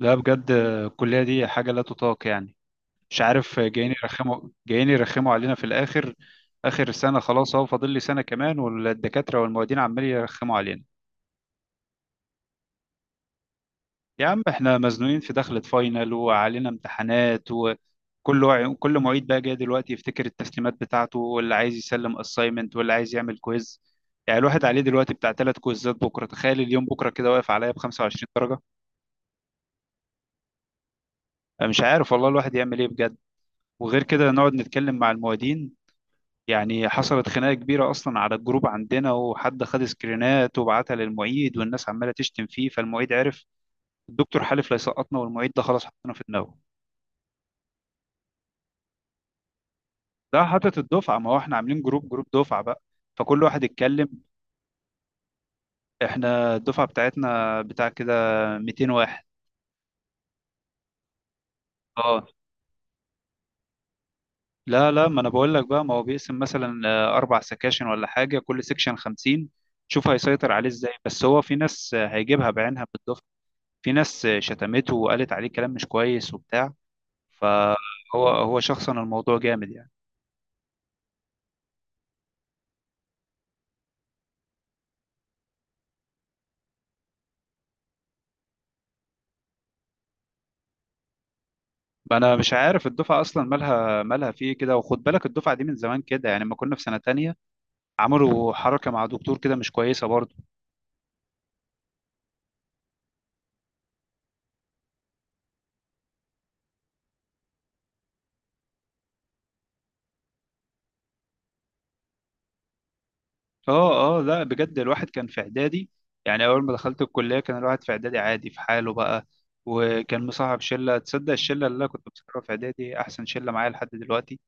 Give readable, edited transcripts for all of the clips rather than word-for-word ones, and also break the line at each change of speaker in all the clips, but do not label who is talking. لا، بجد الكلية دي حاجة لا تطاق يعني. مش عارف، جايين يرخموا علينا في الآخر. آخر سنة خلاص أهو، فاضل لي سنة كمان والدكاترة والمعيدين عمالين يرخموا علينا. يا عم، احنا مزنوقين في دخلة فاينل وعلينا امتحانات، كل معيد بقى جاي دلوقتي يفتكر التسليمات بتاعته، واللي عايز يسلم أسايمنت واللي عايز يعمل كويز. يعني الواحد عليه دلوقتي بتاع 3 كويزات بكرة، تخيل، اليوم بكرة كده واقف عليا ب 25 درجة. أنا مش عارف والله الواحد يعمل ايه بجد. وغير كده نقعد نتكلم مع المعيدين. يعني حصلت خناقة كبيرة أصلا على الجروب عندنا، وحد خد سكرينات وبعتها للمعيد، والناس عمالة تشتم فيه، فالمعيد عرف. الدكتور حلف لا يسقطنا، والمعيد ده خلاص حطنا في دماغه. ده حاطط الدفعة، ما هو احنا عاملين جروب دفعة بقى، فكل واحد اتكلم. احنا الدفعة بتاعتنا بتاع كده 200 واحد. اه. لا لا، ما انا بقول لك بقى، ما هو بيقسم مثلا 4 سكاشن ولا حاجة، كل سكشن 50. شوف هيسيطر عليه ازاي، بس هو في ناس هيجيبها بعينها بالدفعة. في ناس شتمته وقالت عليه كلام مش كويس وبتاع. فهو هو شخصا الموضوع جامد يعني. انا مش عارف الدفعه اصلا مالها فيه كده. وخد بالك، الدفعه دي من زمان كده يعني، لما كنا في سنه تانية عملوا حركه مع دكتور كده مش كويسه برضه. اه اه، لا بجد الواحد كان في اعدادي، يعني اول ما دخلت الكليه كان الواحد في اعدادي عادي في حاله بقى. وكان مصاحب شله، تصدق الشله اللي انا كنت مصاحبها في اعدادي احسن شله معايا لحد دلوقتي.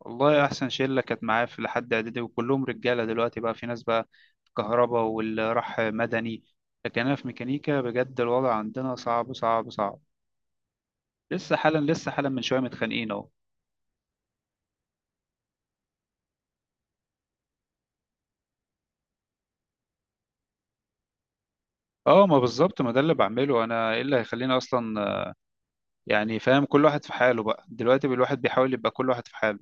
والله، احسن شله كانت معايا في لحد اعدادي، وكلهم رجاله دلوقتي بقى، في ناس بقى في كهرباء، واللي راح مدني. لكن انا في ميكانيكا، بجد الوضع عندنا صعب صعب صعب. لسه حالا من شويه متخانقين اهو. اه، ما بالظبط، ما ده اللي بعمله انا. ايه اللي هيخليني اصلا يعني؟ فاهم، كل واحد في حاله بقى دلوقتي، الواحد بيحاول يبقى كل واحد في حاله.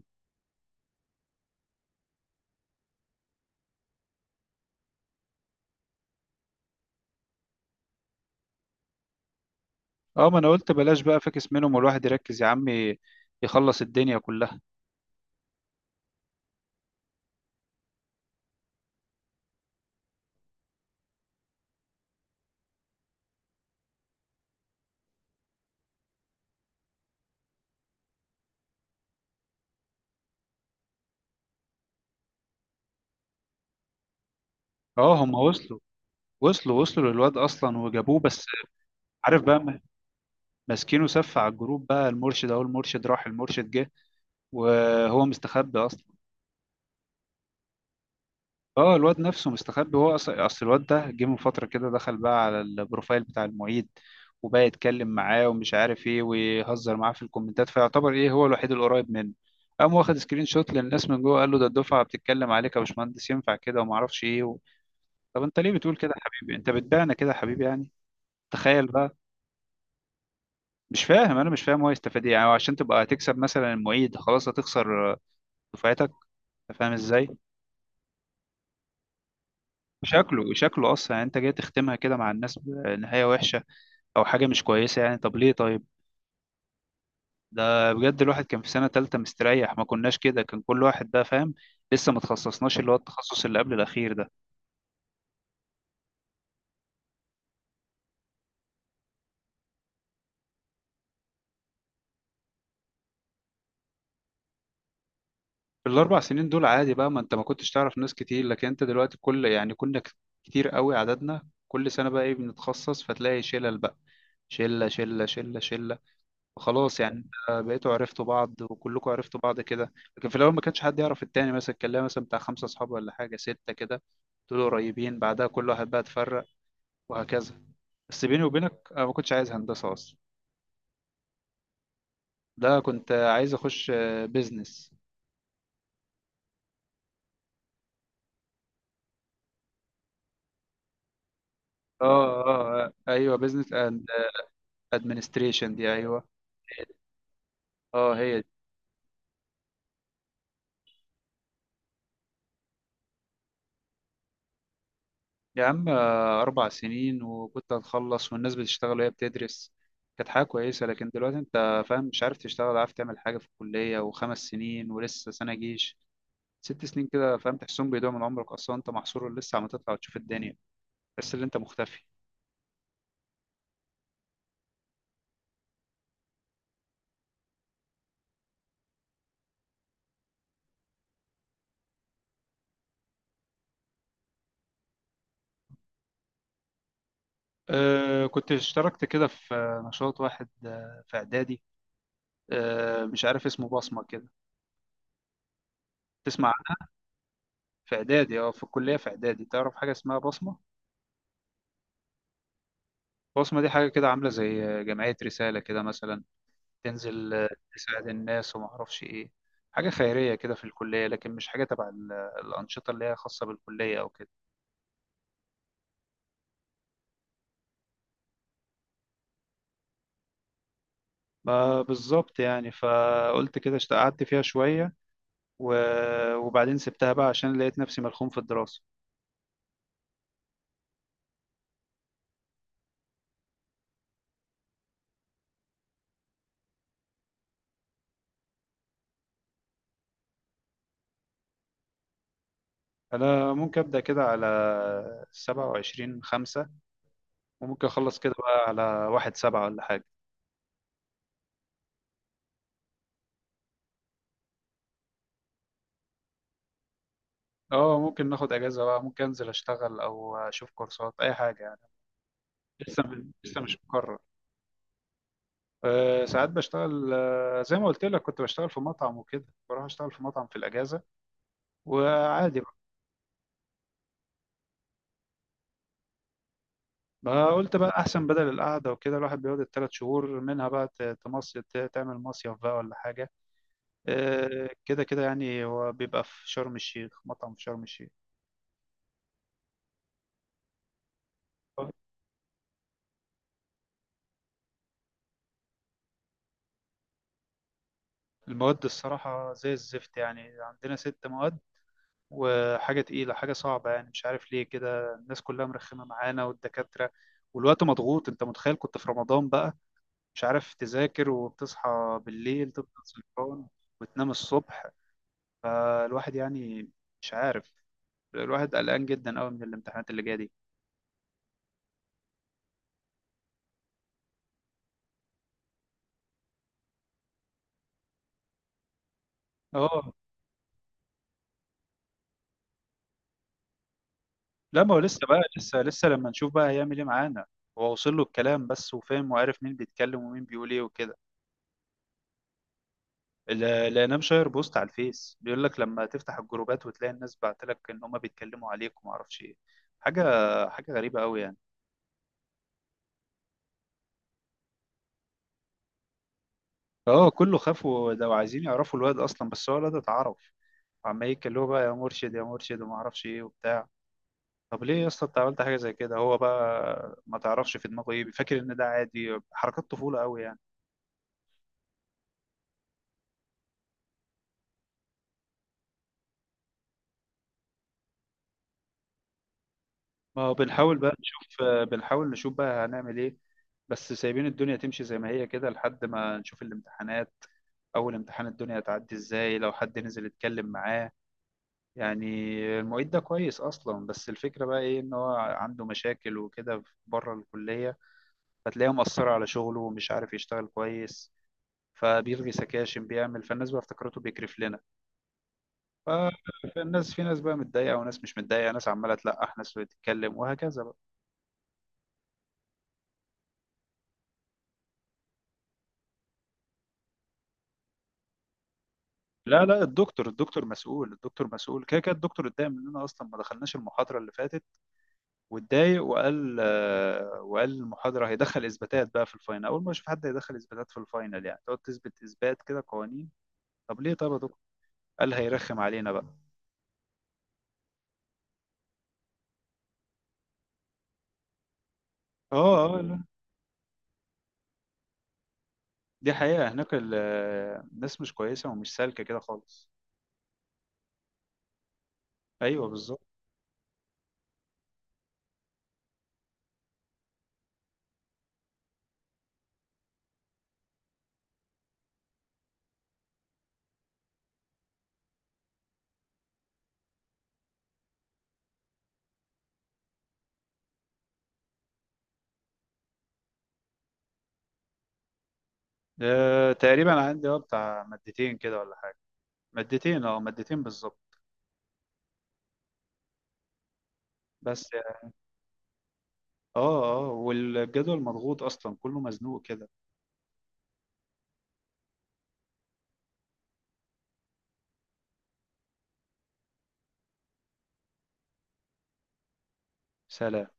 اه، ما انا قلت بلاش بقى فاكس منهم، والواحد يركز يا عمي، يخلص الدنيا كلها. اه هم وصلوا، وصلوا للواد اصلا وجابوه بس. عارف بقى، ماسكينه سف على الجروب بقى، المرشد اهو، المرشد راح المرشد جه، وهو مستخبي اصلا. اه الواد نفسه مستخبي، هو أصل الواد ده جه من فتره كده، دخل بقى على البروفايل بتاع المعيد، وبقى يتكلم معاه ومش عارف ايه، ويهزر معاه في الكومنتات، فيعتبر ايه هو الوحيد القريب منه. قام واخد سكرين شوت للناس من جوه، قال له ده الدفعه بتتكلم عليك يا باشمهندس، ينفع كده وما اعرفش ايه و... طب انت ليه بتقول كده يا حبيبي؟ انت بتبيعنا كده يا حبيبي يعني. تخيل بقى. مش فاهم انا مش فاهم هو يستفاد ايه يعني. هو عشان تبقى هتكسب مثلا المعيد؟ خلاص هتخسر دفعتك، انت فاهم ازاي؟ شكله اصلا يعني انت جاي تختمها كده مع الناس بنهايه وحشه او حاجه مش كويسه يعني. طب ليه طيب؟ ده بجد الواحد كان في سنه تالتة مستريح، ما كناش كده، كان كل واحد بقى فاهم. لسه ما تخصصناش، اللي هو التخصص اللي قبل الاخير ده. في الـ 4 سنين دول عادي بقى، ما انت ما كنتش تعرف ناس كتير، لكن انت دلوقتي كل يعني كتير قوي عددنا. كل سنه بقى ايه، بنتخصص فتلاقي شلل بقى، شله شله شله شله، خلاص يعني. انت بقيتوا عرفتوا بعض، وكلكم عرفتوا بعض كده، لكن في الاول ما كانش حد يعرف التاني، مثلا كان ليا مثلا بتاع 5 اصحاب ولا حاجه 6 كده، دول قريبين بعدها كل واحد بقى اتفرق، وهكذا. بس بيني وبينك انا ما كنتش عايز هندسه اصلا، ده كنت عايز اخش بيزنس. اه business. اه، ايوه بيزنس اند ادمنستريشن دي ايوه. اه هي. يا عم، 4 سنين وكنت هتخلص، والناس بتشتغل وهي بتدرس. كانت حاجة كويسة. لكن دلوقتي أنت فاهم، مش عارف تشتغل، ولا عارف تعمل حاجة في الكلية، وخمس سنين ولسه سنة جيش، 6 سنين كده فاهم، تحسهم بيضيعوا من عمرك أصلا. أنت محصور، لسه عم تطلع وتشوف الدنيا، بس اللي أنت مختفي. أه كنت اشتركت كده في نشاط واحد في إعدادي. أه مش عارف اسمه، بصمة كده، تسمع عنه؟ في إعدادي، أه في الكلية في إعدادي، تعرف حاجة اسمها بصمة؟ بصمة دي حاجة كده عاملة زي جمعية رسالة كده مثلا، تنزل تساعد الناس وما اعرفش ايه، حاجة خيرية كده في الكلية، لكن مش حاجة تبع الأنشطة اللي هي خاصة بالكلية أو كده. ما بالظبط يعني، فقلت كده قعدت فيها شوية وبعدين سبتها بقى، عشان لقيت نفسي ملخوم في الدراسة. أنا ممكن أبدأ كده على 27/5، وممكن أخلص كده بقى على 1/7 ولا حاجة. اه ممكن ناخد اجازه بقى، ممكن انزل اشتغل او اشوف كورسات اي حاجه يعني. لسه لسه مش مقرر. أه ساعات بشتغل، أه زي ما قلت لك كنت بشتغل في مطعم وكده، بروح اشتغل في مطعم في الاجازه، وعادي بقى. ما قلت بقى احسن بدل القعده وكده، الواحد بيقعد الـ 3 شهور منها بقى تعمل مصيف بقى ولا حاجه. أه كده كده يعني، هو بيبقى في شرم الشيخ، مطعم في شرم الشيخ. المواد الصراحه زي الزفت يعني، عندنا 6 مواد وحاجه تقيله حاجه صعبه يعني. مش عارف ليه كده الناس كلها مرخمه معانا، والدكاتره والوقت مضغوط. انت متخيل كنت في رمضان بقى، مش عارف تذاكر، وبتصحى بالليل تفضل سهران وتنام الصبح. فالواحد يعني مش عارف، الواحد قلقان جدا قوي من الامتحانات اللي جايه دي. اه لا، ما هو لسه بقى، لسه لما نشوف بقى هيعمل ايه معانا. هو وصل له الكلام بس، وفاهم وعارف مين بيتكلم ومين بيقول ايه وكده. لا لا، انا مشاير بوست على الفيس بيقول لك لما تفتح الجروبات وتلاقي الناس بعتلك ان هم بيتكلموا عليك وما اعرفش ايه حاجه حاجه غريبه قوي يعني. اه كله خاف، وده وعايزين يعرفوا الواد اصلا، بس هو الواد اتعرف، وعمال يتكلموا بقى يا مرشد يا مرشد وما اعرفش ايه وبتاع. طب ليه يا اسطى انت عملت حاجه زي كده؟ هو بقى ما تعرفش في دماغه ايه بيفكر، ان ده عادي، حركات طفوله قوي يعني. ما هو بنحاول بقى نشوف، بنحاول نشوف بقى هنعمل ايه. بس سايبين الدنيا تمشي زي ما هي كده لحد ما نشوف الامتحانات. اول امتحان الدنيا هتعدي ازاي لو حد نزل يتكلم معاه يعني؟ المعيد ده كويس اصلا، بس الفكره بقى ايه، ان هو عنده مشاكل وكده بره الكليه، فتلاقيه مأثره على شغله ومش عارف يشتغل كويس، فبيلغي سكاشن بيعمل، فالناس بقى افتكرته بيكرف لنا. ف- فالناس في ناس بقى متضايقه وناس مش متضايقه، ناس عماله تلقح، ناس بتتكلم، وهكذا بقى. لا لا، الدكتور مسؤول، الدكتور مسؤول كده كده. الدكتور اتضايق مننا اصلا، ما دخلناش المحاضره اللي فاتت، واتضايق وقال وقال المحاضره هيدخل اثباتات بقى في الفاينل. اول ما اشوف حد هيدخل اثباتات في الفاينل، يعني تقعد تثبت اثبات كده قوانين؟ طب ليه طب يا دكتور؟ قال هيرخم علينا بقى. اه اه لا، دي حقيقه. هناك الناس مش كويسه ومش سالكه كده خالص. ايوه بالظبط. أه تقريبا عندي اه بتاع مادتين كده ولا حاجة. مادتين اه مادتين بالظبط بس. اه اه، والجدول مضغوط اصلا، كله مزنوق كده. سلام.